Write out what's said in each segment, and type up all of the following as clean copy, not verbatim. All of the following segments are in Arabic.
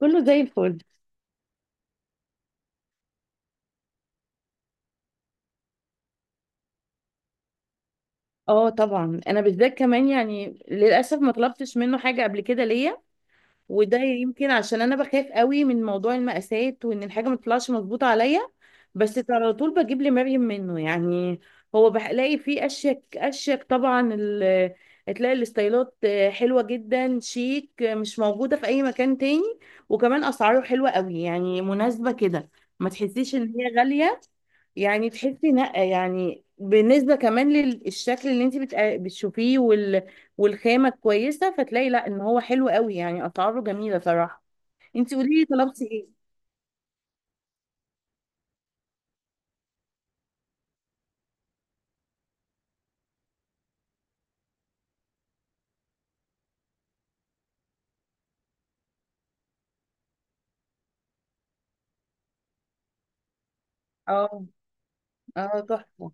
كله زي الفل. اه طبعا، انا بالذات كمان يعني للاسف ما طلبتش منه حاجه قبل كده ليا. وده يمكن عشان انا بخاف قوي من موضوع المقاسات وان الحاجه ما تطلعش مظبوطه عليا. بس على طول بجيب لمريم منه يعني. هو بلاقي فيه اشيك طبعا تلاقي الاستايلات حلوه جدا، شيك، مش موجوده في اي مكان تاني. وكمان اسعاره حلوه قوي يعني مناسبه كده، ما تحسيش ان هي غاليه. يعني تحسي لا، يعني بالنسبة كمان للشكل اللي انت بتشوفيه والخامة كويسة، فتلاقي لا ان هو حلو قوي، يعني اسعاره جميلة صراحة. انت قولي لي طلبتي ايه؟ اه. اه تحفة.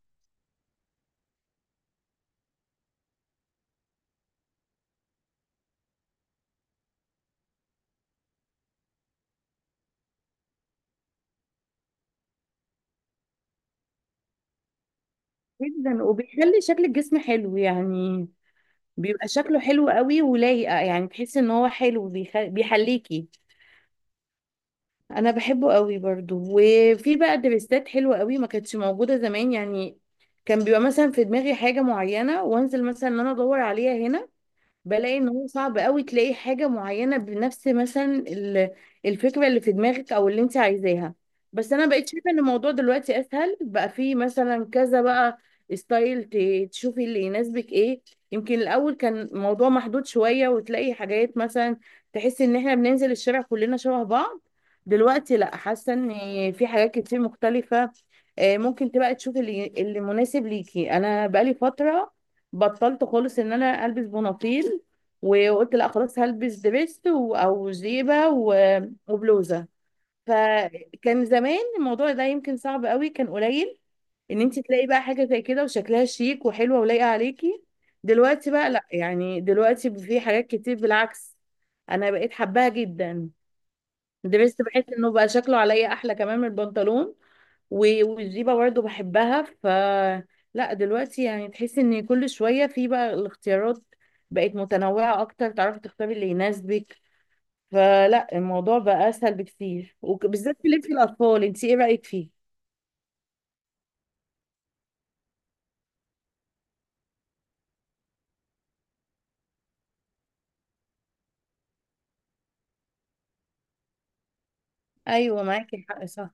جدا، وبيخلي شكل الجسم حلو يعني. بيبقى شكله حلو قوي ولايقة، يعني تحسي ان هو حلو بيحليكي. انا بحبه قوي برضو، وفي بقى دريسات حلوة قوي ما كانتش موجودة زمان يعني. كان بيبقى مثلا في دماغي حاجة معينة وانزل مثلا ان انا ادور عليها هنا، بلاقي ان هو صعب قوي تلاقي حاجة معينة بنفس مثلا الفكرة اللي في دماغك او اللي انت عايزاها. بس انا بقيت شايفة ان الموضوع دلوقتي اسهل، بقى فيه مثلا كذا بقى ستايل، تشوفي اللي يناسبك ايه. يمكن الاول كان الموضوع محدود شوية، وتلاقي حاجات مثلا تحس ان احنا بننزل الشارع كلنا شبه بعض. دلوقتي لا، حاسة ان في حاجات كتير مختلفة، آه، ممكن تبقى تشوفي اللي مناسب ليكي. انا بقالي فترة بطلت خالص ان انا البس بناطيل، وقلت لا خلاص هلبس دبس او جيبه وبلوزه. فكان زمان الموضوع ده يمكن صعب قوي، كان قليل ان انت تلاقي بقى حاجه زي كده وشكلها شيك وحلوه ولايقه عليكي. دلوقتي بقى لا، يعني دلوقتي في حاجات كتير بالعكس، انا بقيت حباها جدا. درست بحس انه بقى شكله عليا احلى كمان من البنطلون، والجيبه برضه بحبها، ف لا دلوقتي يعني تحسي ان كل شويه في بقى الاختيارات، بقت متنوعه اكتر، تعرفي تختاري اللي يناسبك. فلا الموضوع بقى اسهل بكتير، وبالذات في لبس الاطفال. انت ايه رايك فيه؟ ايوه معاكي حق، صح.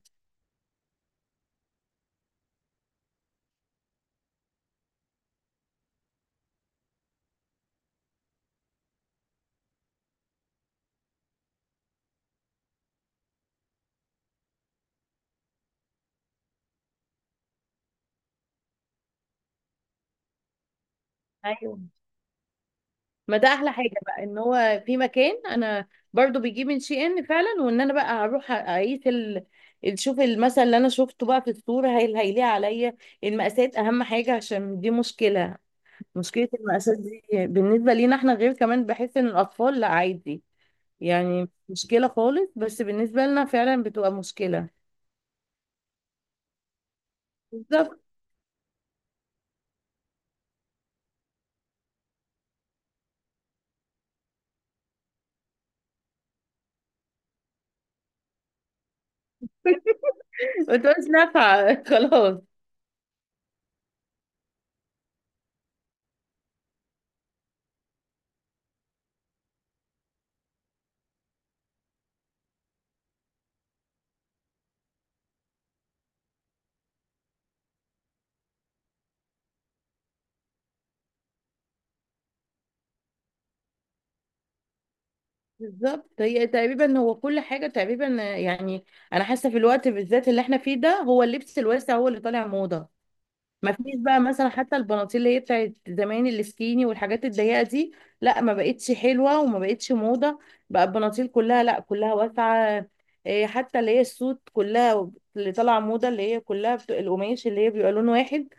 ايوه، ما ده احلى حاجه بقى، ان هو في مكان انا برضو بيجيب من شي ان فعلا، وان انا بقى هروح اقيس شوف المثل اللي انا شفته بقى في الصوره، هل هيليق عليا؟ المقاسات اهم حاجه، عشان دي مشكله. مشكله المقاسات دي بالنسبه لينا احنا، غير كمان بحس ان الاطفال لا عادي. يعني مشكله خالص بس بالنسبه لنا، فعلا بتبقى مشكله. بالظبط. بتبقى مش نافعه خلاص. بالظبط، هي تقريبا هو كل حاجة تقريبا يعني. أنا حاسة في الوقت بالذات اللي احنا فيه ده، هو اللبس الواسع هو اللي طالع موضة. ما فيش بقى مثلا حتى البناطيل اللي هي بتاعت زمان، السكيني والحاجات الضيقة دي، لا ما بقتش حلوة وما بقتش موضة. بقى البناطيل كلها، لا كلها واسعة. إيه، حتى اللي هي السوت كلها اللي طالعة موضة، اللي هي كلها القماش اللي هي بيبقى لون واحد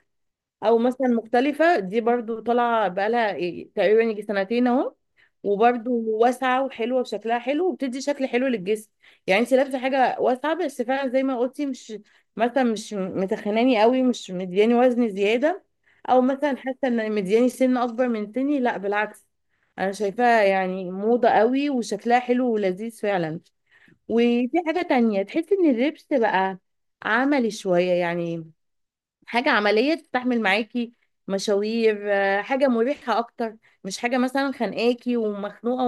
او مثلا مختلفة، دي برضو طالعة بقالها إيه تقريبا، يجي سنتين اهو. وبرضو واسعة وحلوة وشكلها حلو، وبتدي شكل حلو للجسم. يعني انت لابسة حاجة واسعة بس فعلا زي ما قلتي، مش مثلا مش متخناني قوي، مش مدياني وزن زيادة، او مثلا حاسة ان مدياني سن اكبر من سني. لا بالعكس، انا شايفاها يعني موضة قوي وشكلها حلو ولذيذ فعلا. وفي حاجة تانية، تحس ان اللبس بقى عملي شوية يعني، حاجة عملية تستحمل معاكي مشاوير، آه، حاجة مريحة أكتر. مش حاجة مثلا خانقاكي ومخنوقة،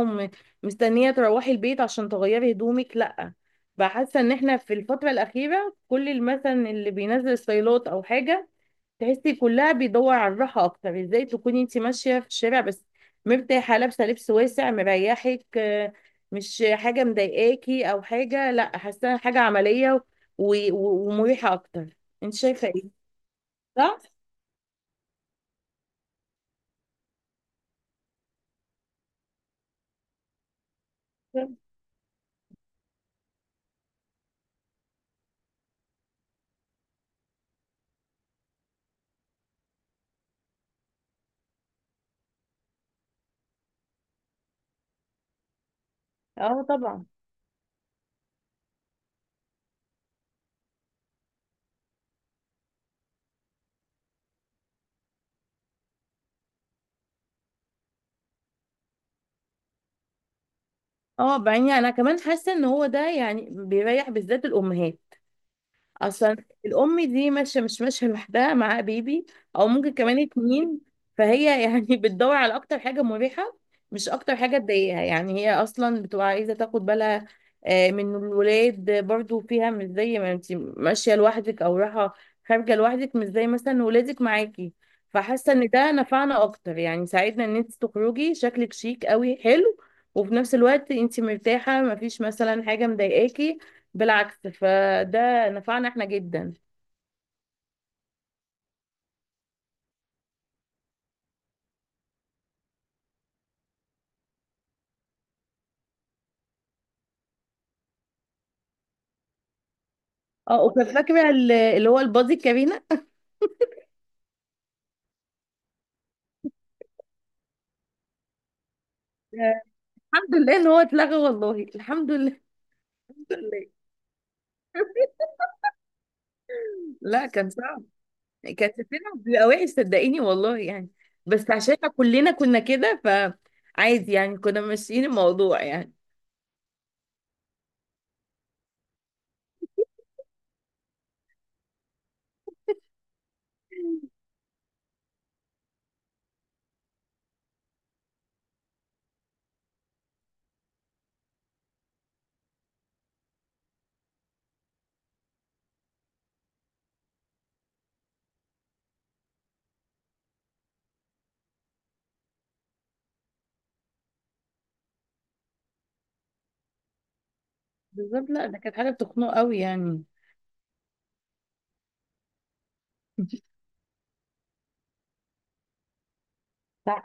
ومستنية تروحي البيت عشان تغيري هدومك، لأ. فحاسة إن إحنا في الفترة الأخيرة كل مثلا اللي بينزل ستايلات أو حاجة، تحسي كلها بيدور على الراحة أكتر. إزاي تكوني أنت ماشية في الشارع بس مرتاحة، لابسة لبس واسع مريحك، آه، مش حاجة مضايقاكي أو حاجة، لأ. حاسة حاجة عملية ومريحة أكتر. أنت شايفة إيه؟ صح؟ اه طبعا. اه بعدين انا كمان حاسه ان هو ده يعني بيريح بالذات الامهات. اصلا الام دي ماشيه، مش ماشيه لوحدها، معاها بيبي او ممكن كمان اتنين، فهي يعني بتدور على اكتر حاجه مريحه، مش اكتر حاجه تضايقها، يعني هي اصلا بتبقى عايزه تاخد بالها، آه، من الولاد برضو فيها. مش زي ما انت ماشيه لوحدك او رايحه خارجه لوحدك، مش زي مثلا ولادك معاكي. فحاسه ان ده نفعنا اكتر يعني، ساعدنا ان انت تخرجي شكلك شيك قوي حلو، وفي نفس الوقت انت مرتاحه، مفيش مثلا حاجه مضايقاكي بالعكس. فده نفعنا احنا جدا. اه، وكنت فاكره اللي هو البادي كارينا، آه، الحمد لله ان هو اتلغى والله، الحمد لله. الحمد لله، لا كان صعب. كان شكلنا بيبقى وحش صدقيني والله يعني. بس عشان إحنا كلنا كنا كده، فعادي يعني، كنا ماشيين الموضوع يعني. بالظبط، لا ده كانت حاجه بتخنق قوي يعني. صح.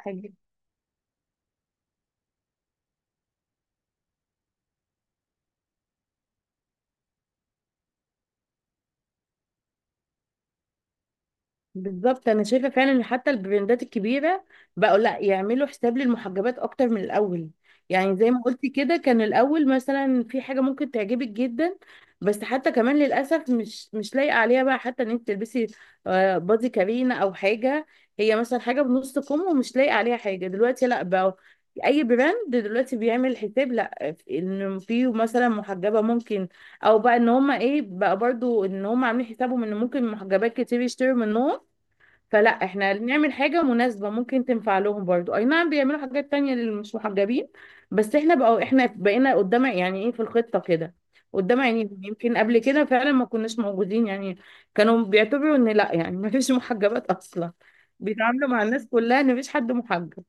بالظبط، انا شايفه فعلا ان حتى البراندات الكبيره بقوا لا، يعملوا حساب للمحجبات اكتر من الاول. يعني زي ما قلتي كده، كان الاول مثلا في حاجه ممكن تعجبك جدا، بس حتى كمان للاسف مش مش لايقه عليها، بقى حتى ان انت تلبسي، آه، بادي كارينا او حاجه. هي مثلا حاجه بنص كم، ومش لايقه عليها حاجه. دلوقتي لا، بقى اي براند دلوقتي بيعمل حساب لا، ان في مثلا محجبه ممكن، او بقى ان هما ايه بقى برضو، ان هما عاملين حسابهم ان ممكن محجبات كتير يشتروا منهم، فلا احنا نعمل حاجة مناسبة ممكن تنفع لهم برضو. اي نعم بيعملوا حاجات تانية للي مش محجبين، بس احنا بقى، احنا بقينا قدام يعني، ايه في الخطة كده، قدام. يعني يمكن قبل كده فعلا ما كناش موجودين يعني، كانوا بيعتبروا ان لا يعني ما فيش محجبات اصلا، بيتعاملوا مع الناس كلها ان مفيش حد محجب.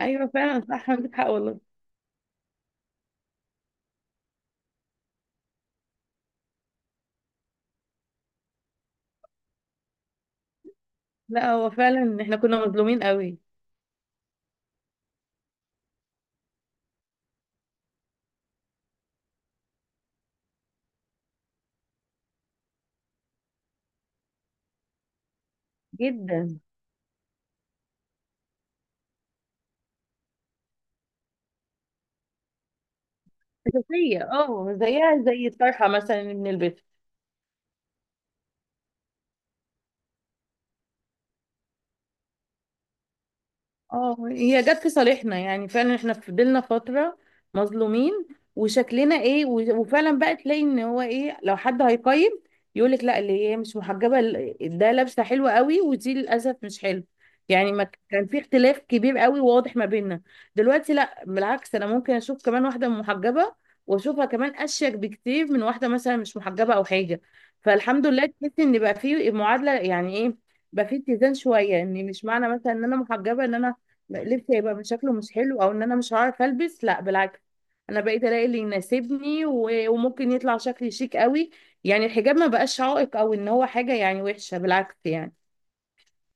ايوه فعلا، صح عندك حق والله. لا هو فعلا احنا كنا مظلومين قوي. جدا. اساسية، اه زيها زي الطرحة مثلا من البيت. اه هي جت في صالحنا يعني، فعلا احنا فضلنا فترة مظلومين، وشكلنا ايه وفعلا بقى تلاقي ان هو ايه، لو حد هيقيم يقولك لا، اللي هي مش محجبة ده لابسة حلوة قوي، ودي للأسف مش حلو. يعني ما كان في اختلاف كبير قوي واضح ما بيننا. دلوقتي لا بالعكس، انا ممكن اشوف كمان واحدة محجبة واشوفها كمان اشيك بكتير من واحدة مثلا مش محجبة او حاجة. فالحمد لله، تحس ان بقى في معادلة يعني ايه، بقى في اتزان شوية، ان مش معنى مثلا ان انا محجبة، ان انا لبسي هيبقى من شكله مش حلو، او ان انا مش هعرف البس. لا بالعكس، انا بقيت الاقي اللي يناسبني وممكن يطلع شكلي شيك قوي. يعني الحجاب ما بقاش عائق، او ان هو حاجه يعني وحشه، بالعكس يعني.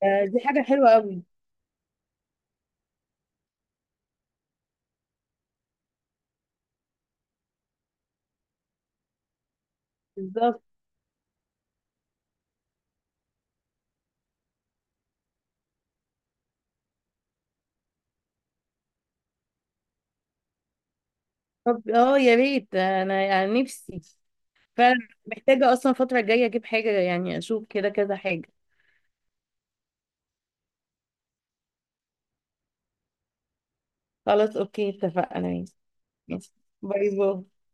آه، دي حاجه حلوه قوي. بالظبط. طب اه يا ريت، انا يعني نفسي فعلا، محتاجه اصلا الفتره الجايه اجيب حاجه، يعني اشوف كده كذا حاجه. خلاص اوكي، اتفقنا ماشي. ماشي. باي باي.